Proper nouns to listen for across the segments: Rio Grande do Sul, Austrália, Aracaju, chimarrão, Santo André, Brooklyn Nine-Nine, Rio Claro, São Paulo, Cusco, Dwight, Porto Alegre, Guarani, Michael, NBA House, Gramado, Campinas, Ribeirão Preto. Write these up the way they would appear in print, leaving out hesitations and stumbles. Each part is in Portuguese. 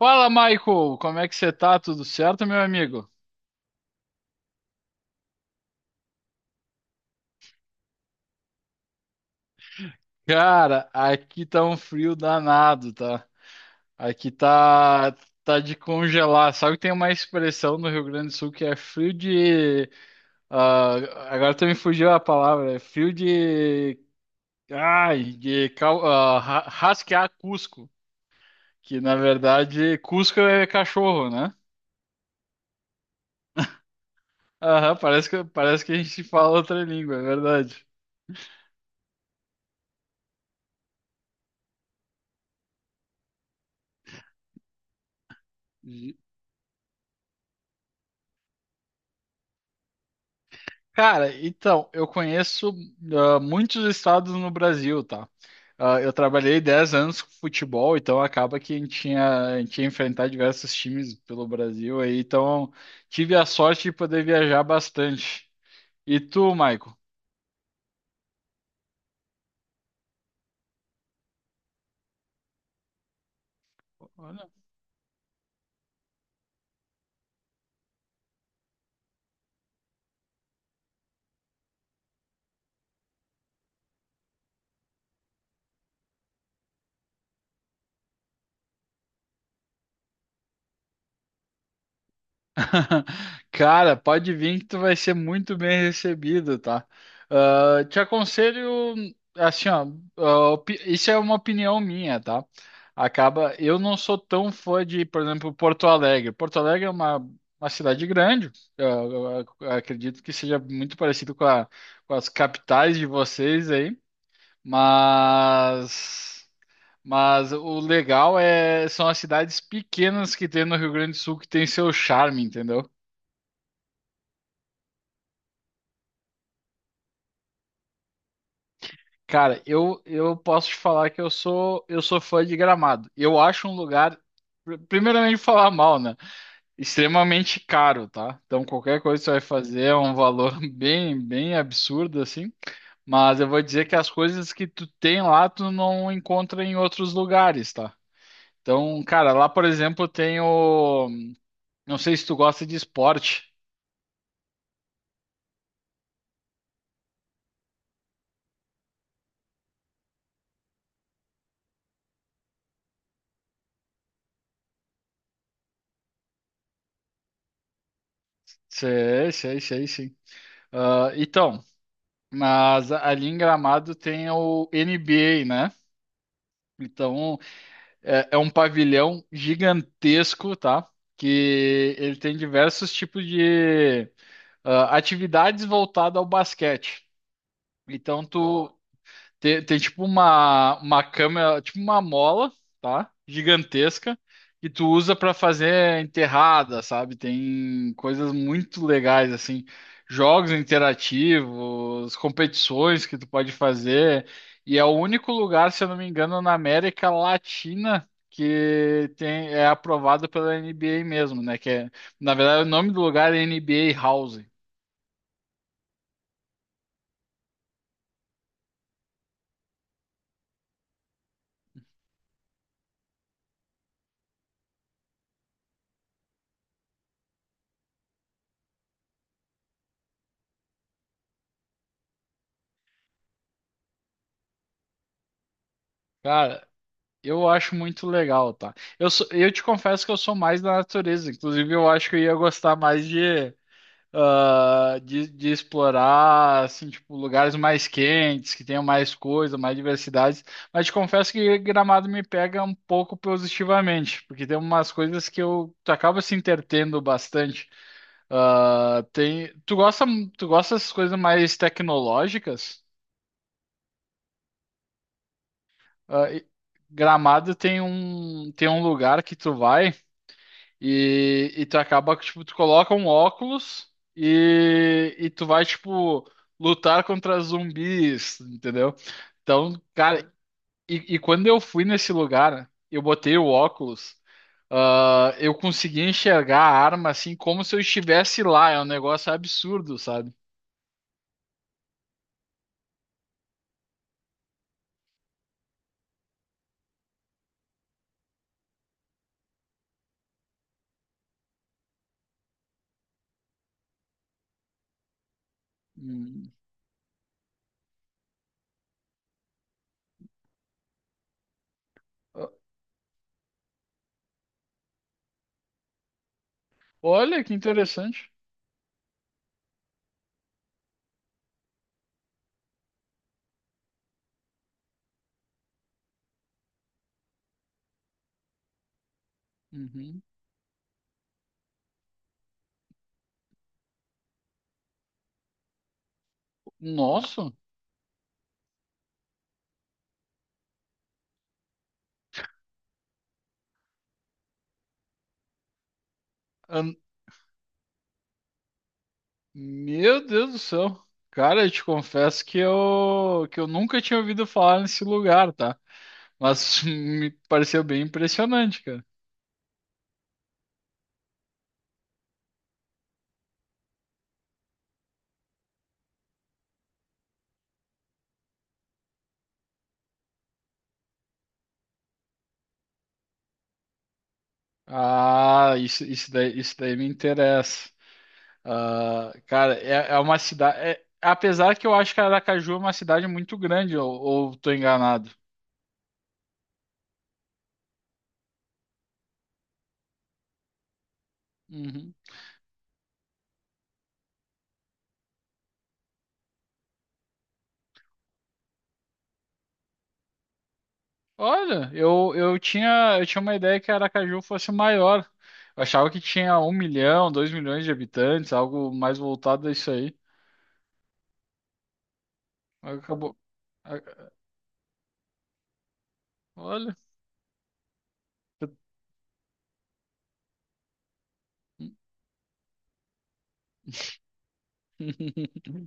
Fala, Michael! Como é que você tá? Tudo certo, meu amigo? Cara, aqui tá um frio danado, tá? Aqui tá de congelar. Sabe que tem uma expressão no Rio Grande do Sul que é frio de ah, agora tu me fugiu a palavra. É frio de ai, de rasquear Cusco, que na verdade Cusco é cachorro, né? Aham, parece que a gente fala outra língua, é verdade. Cara, então, eu conheço muitos estados no Brasil, tá? Ah, eu trabalhei 10 anos com futebol, então acaba que a gente ia enfrentar diversos times pelo Brasil aí, então tive a sorte de poder viajar bastante. E tu, Maico? Cara, pode vir que tu vai ser muito bem recebido, tá? Ah, te aconselho, assim, ó, isso é uma opinião minha, tá? Acaba, eu não sou tão fã de, por exemplo, Porto Alegre. Porto Alegre é uma cidade grande, acredito que seja muito parecido com com as capitais de vocês aí, mas. Mas o legal é são as cidades pequenas que tem no Rio Grande do Sul que tem seu charme, entendeu? Cara, eu posso te falar que eu sou fã de Gramado. Eu acho um lugar, primeiramente falar mal, né? Extremamente caro, tá? Então qualquer coisa que você vai fazer é um valor bem bem absurdo assim. Mas eu vou dizer que as coisas que tu tem lá tu não encontra em outros lugares, tá? Então, cara, lá por exemplo tem o, não sei se tu gosta de esporte. Sei, sei, sei, sim. Ah, então, mas ali em Gramado tem o NBA, né? Então, é um pavilhão gigantesco, tá? Que ele tem diversos tipos de atividades voltadas ao basquete. Então, tem tipo uma câmera, tipo uma mola, tá? Gigantesca, que tu usa pra fazer enterrada, sabe? Tem coisas muito legais, assim, jogos interativos, competições que tu pode fazer. E é o único lugar, se eu não me engano, na América Latina que tem, é aprovado pela NBA mesmo, né? Que é, na verdade, o nome do lugar é NBA House. Cara, eu acho muito legal, tá? Eu te confesso que eu sou mais da natureza. Inclusive, eu acho que eu ia gostar mais de explorar, assim, tipo, lugares mais quentes, que tenham mais coisa, mais diversidades. Mas te confesso que Gramado me pega um pouco positivamente, porque tem umas coisas que tu acaba se entretendo bastante. Ah, tem, tu gosta, tu gosta dessas coisas mais tecnológicas? Ah, e- Gramado tem um, lugar que tu vai. E tu acaba que, tipo, tu coloca um óculos e tu vai, tipo, lutar contra zumbis, entendeu? Então, cara, e quando eu fui nesse lugar, eu botei o óculos, eu consegui enxergar a arma assim como se eu estivesse lá. É um negócio absurdo, sabe? Hum. Olha que interessante. Uhum. Nossa. Meu Deus do céu. Cara, eu te confesso que que eu nunca tinha ouvido falar nesse lugar, tá? Mas me pareceu bem impressionante, cara. Ah, isso daí me interessa. Ah, cara, é uma cidade. Apesar que eu acho que Aracaju é uma cidade muito grande, ou tô enganado. Uhum. Olha, eu tinha uma ideia que Aracaju fosse maior. Eu achava que tinha 1 milhão, 2 milhões de habitantes, algo mais voltado a isso aí. Acabou. A- Olha.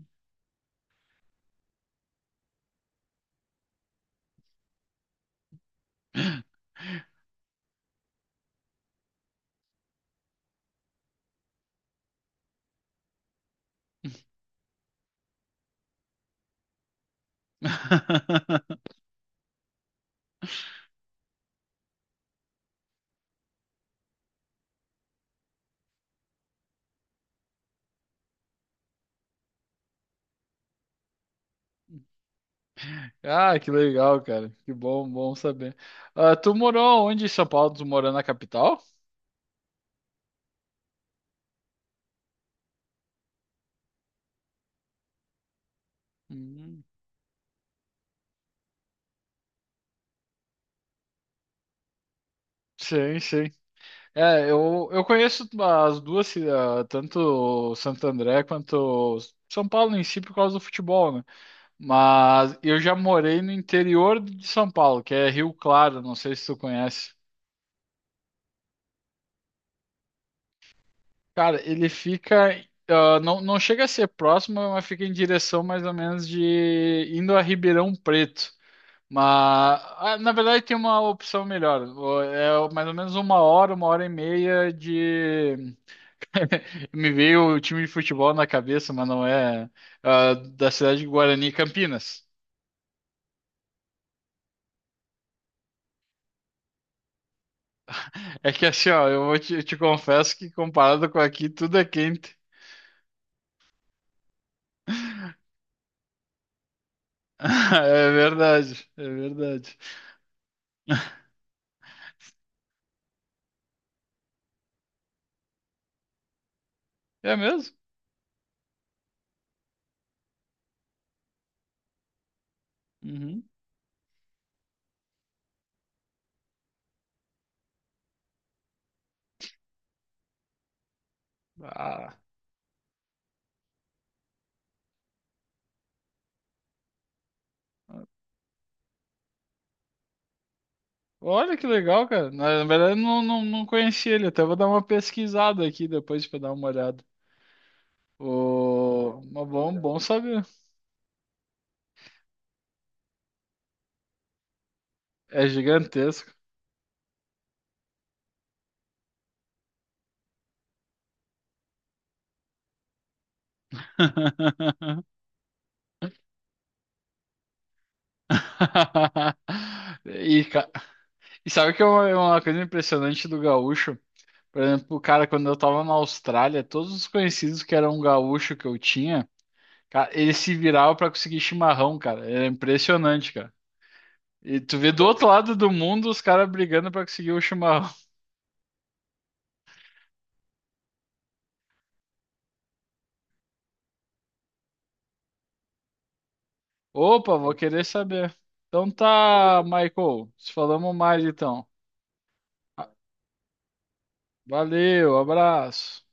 Ah, que legal, cara. Que bom, bom saber. Ah, tu morou onde em São Paulo? Tu morou na capital? Hum. Sim, sim. É, eu conheço as duas, tanto Santo André quanto São Paulo em si, por causa do futebol, né? Mas eu já morei no interior de São Paulo, que é Rio Claro, não sei se tu conhece. Cara, ele fica. Não, não chega a ser próximo, mas fica em direção mais ou menos de indo a Ribeirão Preto. Mas, na verdade, tem uma opção melhor. É mais ou menos uma hora e meia de. Me veio o time de futebol na cabeça, mas não é. Da cidade de Guarani, Campinas. É que assim, ó, eu te confesso que comparado com aqui, tudo é quente. É verdade, é verdade. É mesmo? Uhum. Ah. Olha que legal, cara. Na verdade, eu não, não, não conheci ele. Até vou dar uma pesquisada aqui depois pra dar uma olhada. Mas bom, bom saber. É gigantesco. E, ca- e sabe que é uma, coisa impressionante do gaúcho? Por exemplo, cara, quando eu tava na Austrália, todos os conhecidos que eram gaúcho que eu tinha, cara, eles se viravam pra conseguir chimarrão, cara. Era impressionante, cara. E tu vê do outro lado do mundo os caras brigando pra conseguir o chimarrão. Opa, vou querer saber. Então tá, Michael. Se falamos mais então. Ah, valeu, abraço.